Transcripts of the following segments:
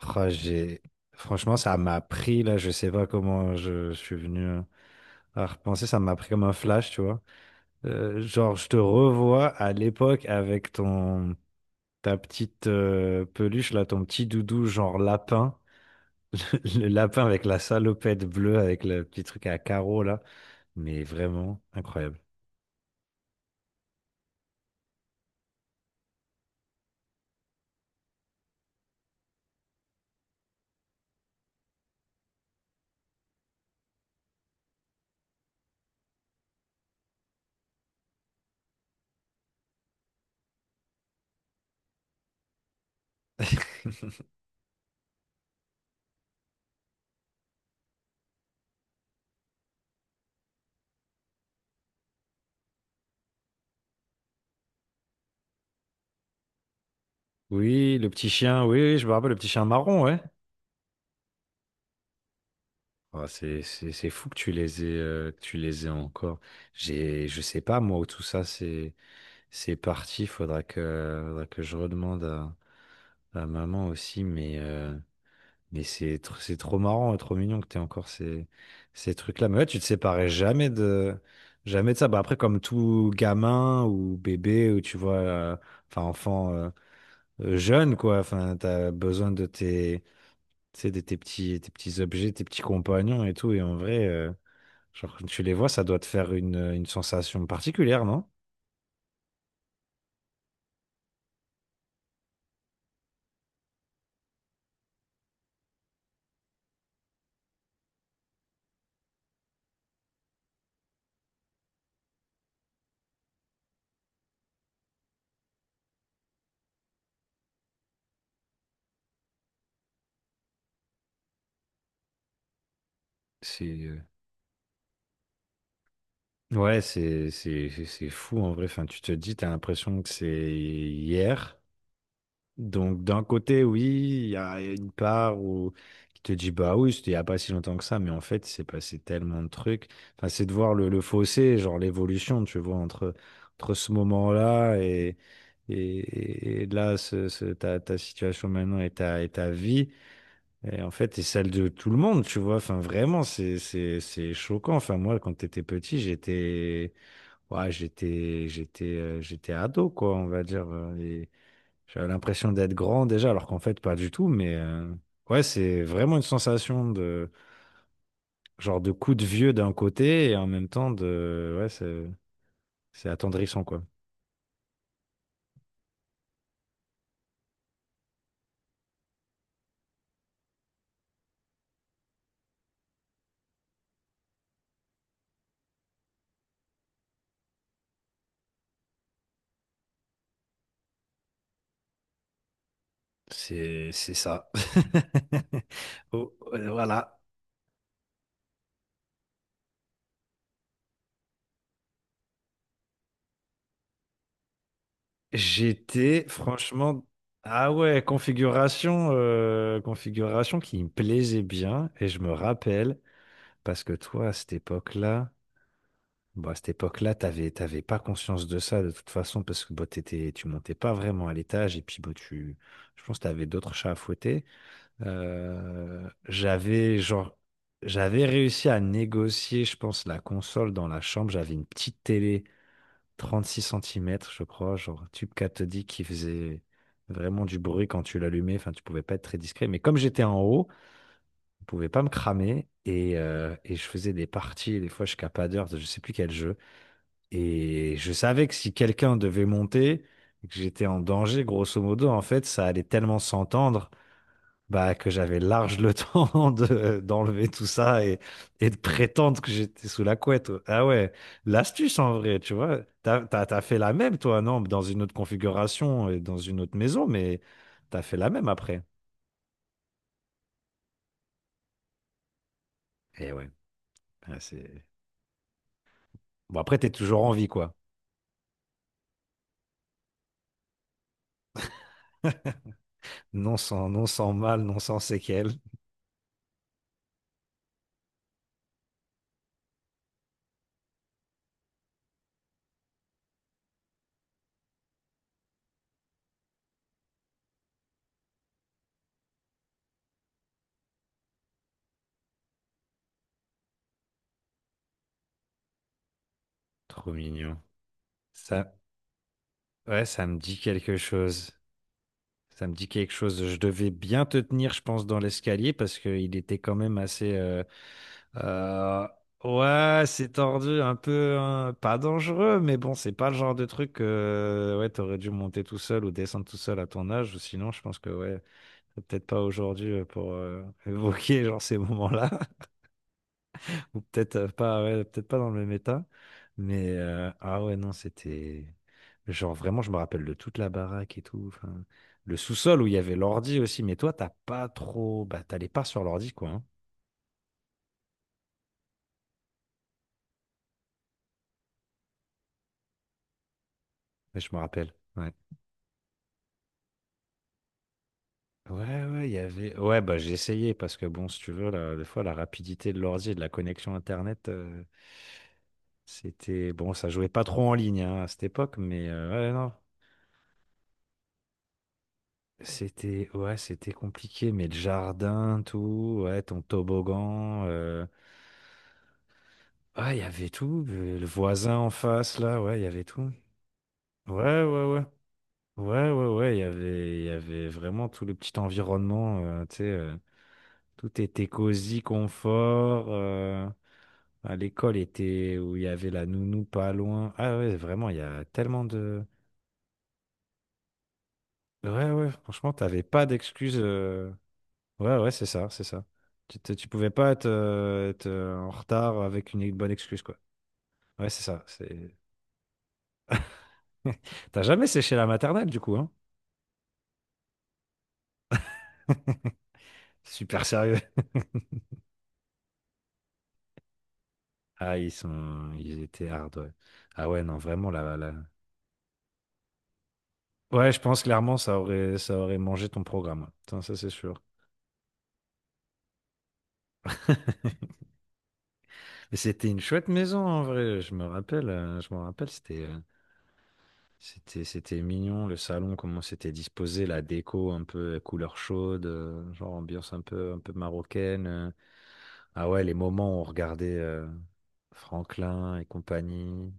Ah, j'ai. Franchement, ça m'a pris, là, je sais pas comment je suis venu à repenser, ça m'a pris comme un flash, tu vois. Genre, je te revois à l'époque avec ta petite peluche, là, ton petit doudou, genre lapin. Le lapin avec la salopette bleue, avec le petit truc à carreaux, là. Mais vraiment incroyable. Oui, le petit chien, oui, oui, je me rappelle, le petit chien marron, ouais. Ah, c'est fou que tu les aies, encore. Je sais pas, moi, où tout ça, c'est parti. Faudra que je redemande à maman aussi. Mais c'est trop marrant et trop mignon que tu aies encore ces trucs-là. Mais ouais, tu te séparais jamais jamais de ça. Bah, après, comme tout gamin ou bébé, ou tu vois, enfin, enfant, jeune, quoi. Enfin, t'as besoin de tes, tu sais, de tes petits objets, tes petits compagnons et tout. Et en vrai, genre, quand tu les vois, ça doit te faire une sensation particulière, non? C'est... euh, Ouais, c'est fou en vrai. Enfin, tu te dis, t'as l'impression que c'est hier. Donc, d'un côté, oui, il y a une part où qui te dit, bah oui, c'était il n'y a pas si longtemps que ça, mais en fait, il s'est passé tellement de trucs. Enfin, c'est de voir le fossé, genre l'évolution, tu vois, entre ce moment-là et là, ta situation maintenant et ta vie. Et en fait, et celle de tout le monde, tu vois. Enfin, vraiment, c'est choquant. Enfin, moi, quand t'étais petit, ouais, j'étais ado, quoi, on va dire. Euh, et j'avais l'impression d'être grand déjà, alors qu'en fait, pas du tout. Mais ouais, c'est vraiment une sensation de, genre, de coup de vieux d'un côté et en même temps de, ouais, c'est attendrissant, quoi. C'est ça. Oh, voilà. J'étais franchement. Ah ouais, configuration qui me plaisait bien. Et je me rappelle, parce que toi, à cette époque-là. Bon, à cette époque-là, t'avais pas conscience de ça de toute façon parce que bon, tu montais pas vraiment à l'étage et puis bon, je pense que t'avais d'autres chats à fouetter. J'avais genre, j'avais réussi à négocier, je pense, la console dans la chambre. J'avais une petite télé 36 cm je crois, genre tube cathodique qui faisait vraiment du bruit quand tu l'allumais. Enfin, tu pouvais pas être très discret. Mais comme j'étais en haut, je pouvais pas me cramer et je faisais des parties. Des fois jusqu'à pas d'heure, je sais plus quel jeu. Et je savais que si quelqu'un devait monter, que j'étais en danger, grosso modo, en fait, ça allait tellement s'entendre, bah, que j'avais large le temps d'enlever tout ça et de prétendre que j'étais sous la couette. Ah ouais, l'astuce en vrai, tu vois. T'as fait la même, toi, non? Dans une autre configuration et dans une autre maison, mais t'as fait la même après. Et ouais, ouais, c'est. Bon, après, t'es toujours en vie, quoi. Non sans mal, non sans séquelles. Trop mignon. Ça, Ouais, ça me dit quelque chose. Ça me dit quelque chose. Je devais bien te tenir, je pense, dans l'escalier parce qu'il était quand même assez. Euh, ouais, c'est tordu, un peu, hein, pas dangereux, mais bon, c'est pas le genre de truc que ouais, t'aurais dû monter tout seul ou descendre tout seul à ton âge. Ou sinon, je pense que ouais, peut-être pas aujourd'hui pour évoquer genre ces moments-là. Ou peut-être pas, ouais, peut-être pas dans le même état. Mais ah ouais, non, c'était. Genre vraiment, je me rappelle de toute la baraque et tout. Enfin, le sous-sol où il y avait l'ordi aussi. Mais toi, t'as pas trop. Bah, t'allais pas sur l'ordi, quoi, hein. Ouais, je me rappelle. Ouais. Ouais, ouais, il y avait. Ouais, bah, j'ai essayé parce que bon, si tu veux, là, des fois, la rapidité de l'ordi et de la connexion Internet, c'était. Bon, ça jouait pas trop en ligne hein, à cette époque, mais ouais, non. C'était ouais, c'était compliqué, mais le jardin, tout, ouais, ton toboggan, ah, il y avait tout, le voisin en face, là, ouais, il y avait tout. Ouais, ouais, ouais. Ouais, ouais, ouais, il y avait vraiment tout le petit environnement, tu sais, tout était cosy, confort. À l'école était où il y avait la nounou pas loin. Ah ouais, vraiment, il y a tellement de. Ouais, ouais, franchement, t'avais pas d'excuses. Ouais, ouais, c'est ça, c'est ça. Tu pouvais pas être, en retard avec une bonne excuse, quoi. Ouais, c'est ça. C'est. T'as jamais séché la maternelle, du coup, hein? Super sérieux. Ah, ils étaient hard, ouais. Ah ouais, non, vraiment, là, là. Ouais, je pense clairement, ça aurait mangé ton programme. Putain, ça, c'est sûr. Mais c'était une chouette maison, en vrai. Je me rappelle, c'était. C'était, c'était mignon, le salon, comment c'était disposé, la déco un peu couleur chaude, genre ambiance un peu marocaine. Ah ouais, les moments où on regardait Franklin et compagnie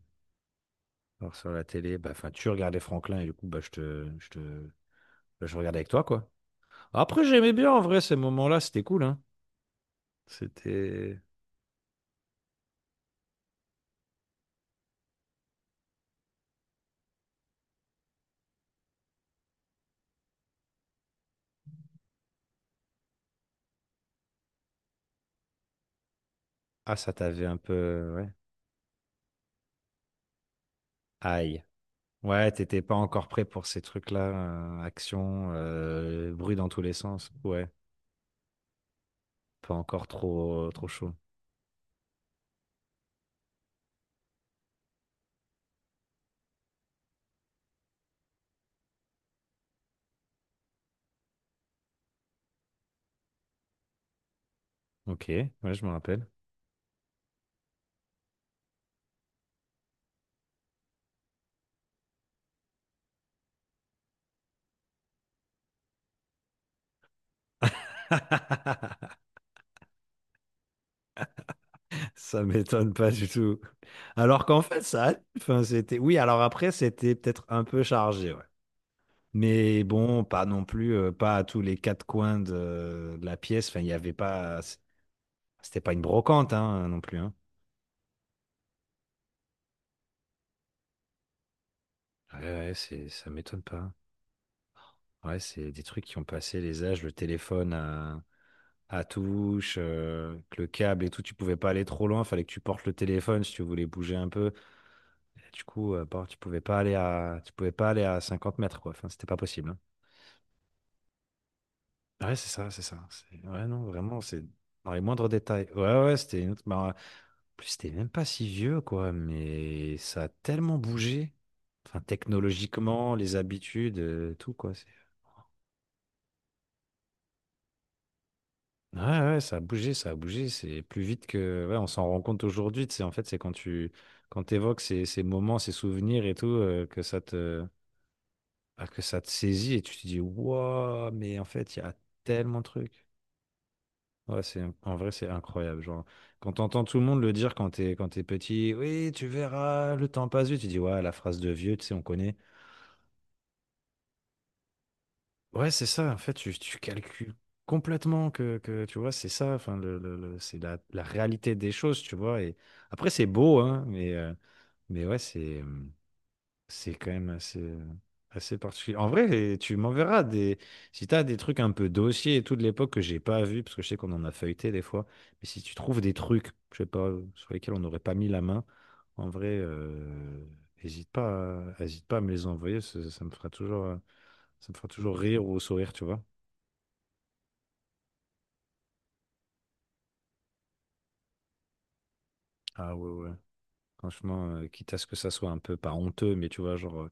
alors sur la télé, bah, enfin, tu regardais Franklin et du coup, bah, bah, je regardais avec toi, quoi. Après, j'aimais bien, en vrai, ces moments-là, c'était cool, hein. C'était. Ah, ça t'avait un peu... ouais. Aïe. Ouais, t'étais pas encore prêt pour ces trucs-là, action, bruit dans tous les sens. Ouais. Pas encore trop, trop chaud. Ok, ouais, je me rappelle. Ça m'étonne pas du tout. Alors qu'en fait, ça, allait, enfin, c'était, oui, alors après, c'était peut-être un peu chargé, ouais. Mais bon, pas non plus, pas à tous les quatre coins de la pièce. Enfin, il n'y avait pas, c'était pas une brocante, hein, non plus, hein. Ouais, ouais, ça m'étonne pas. Ouais, c'est des trucs qui ont passé les âges, le téléphone à touche, que le câble et tout, tu pouvais pas aller trop loin, fallait que tu portes le téléphone si tu voulais bouger un peu. Du coup, bon, tu pouvais pas aller à, tu pouvais pas aller à 50 mètres, quoi. Enfin, c'était pas possible, hein. Ouais, c'est ça, c'est ça. Ouais, non, vraiment, c'est dans les moindres détails. Ouais, ouais, ouais, c'était une autre, bah, en plus, c'était même pas si vieux, quoi. Mais ça a tellement bougé. Enfin, technologiquement, les habitudes, tout, quoi. Ouais, ouais, ça a bougé, ça a bougé. C'est plus vite que. Ouais, on s'en rend compte aujourd'hui. Tu sais, en fait, c'est quand t'évoques ces moments, ces souvenirs et tout, que ça te. Ah, que ça te saisit et tu te dis, waouh, mais en fait, il y a tellement de trucs. Ouais, c'est, en vrai, c'est incroyable. Genre, quand t'entends tout le monde le dire quand t'es petit, oui, tu verras, le temps passe vite, tu dis, ouais, la phrase de vieux, tu sais, on connaît. Ouais, c'est ça, en fait, tu calcules complètement que, tu vois, c'est ça, enfin, c'est la réalité des choses, tu vois. Et après, c'est beau, hein, mais ouais, c'est. Mmh, C'est quand même assez particulier. En vrai, et tu m'enverras des. Si tu as des trucs un peu dossiers et tout de l'époque que j'ai pas vu, parce que je sais qu'on en a feuilleté des fois, mais si tu trouves des trucs, je sais pas, sur lesquels on n'aurait pas mis la main, en vrai, hésite pas à me les envoyer, ça me fera toujours, ça me fera toujours rire ou sourire, tu vois. Ah ouais, ouais. Franchement, quitte à ce que ça soit un peu, pas honteux, mais tu vois, genre,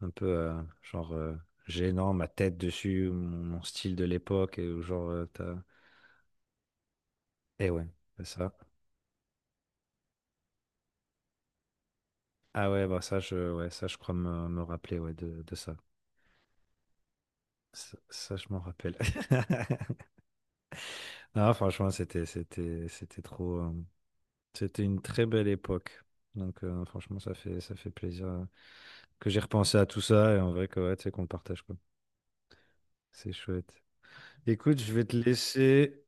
un peu, genre, gênant, ma tête dessus, mon style de l'époque, et genre. Et ouais, c'est ça. Ah ouais, bah ça, je, ouais, ça, je crois me rappeler ouais, de ça. Je m'en rappelle. Non, franchement, c'était trop. C'était une très belle époque. Donc, franchement, ça fait plaisir que j'ai repensé à tout ça et en vrai que, ouais, tu sais, qu'on le partage, quoi. C'est chouette. Écoute, je vais te laisser.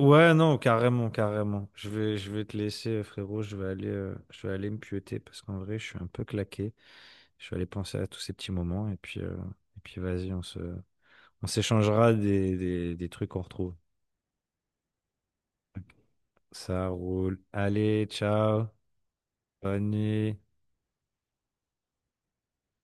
Ouais, non, carrément, carrément. Je vais te laisser, frérot. Je vais aller me pieuter parce qu'en vrai, je suis un peu claqué. Je vais aller penser à tous ces petits moments et puis, vas-y, on s'échangera des trucs qu'on retrouve. Ça roule. Allez, ciao. Bonne nuit.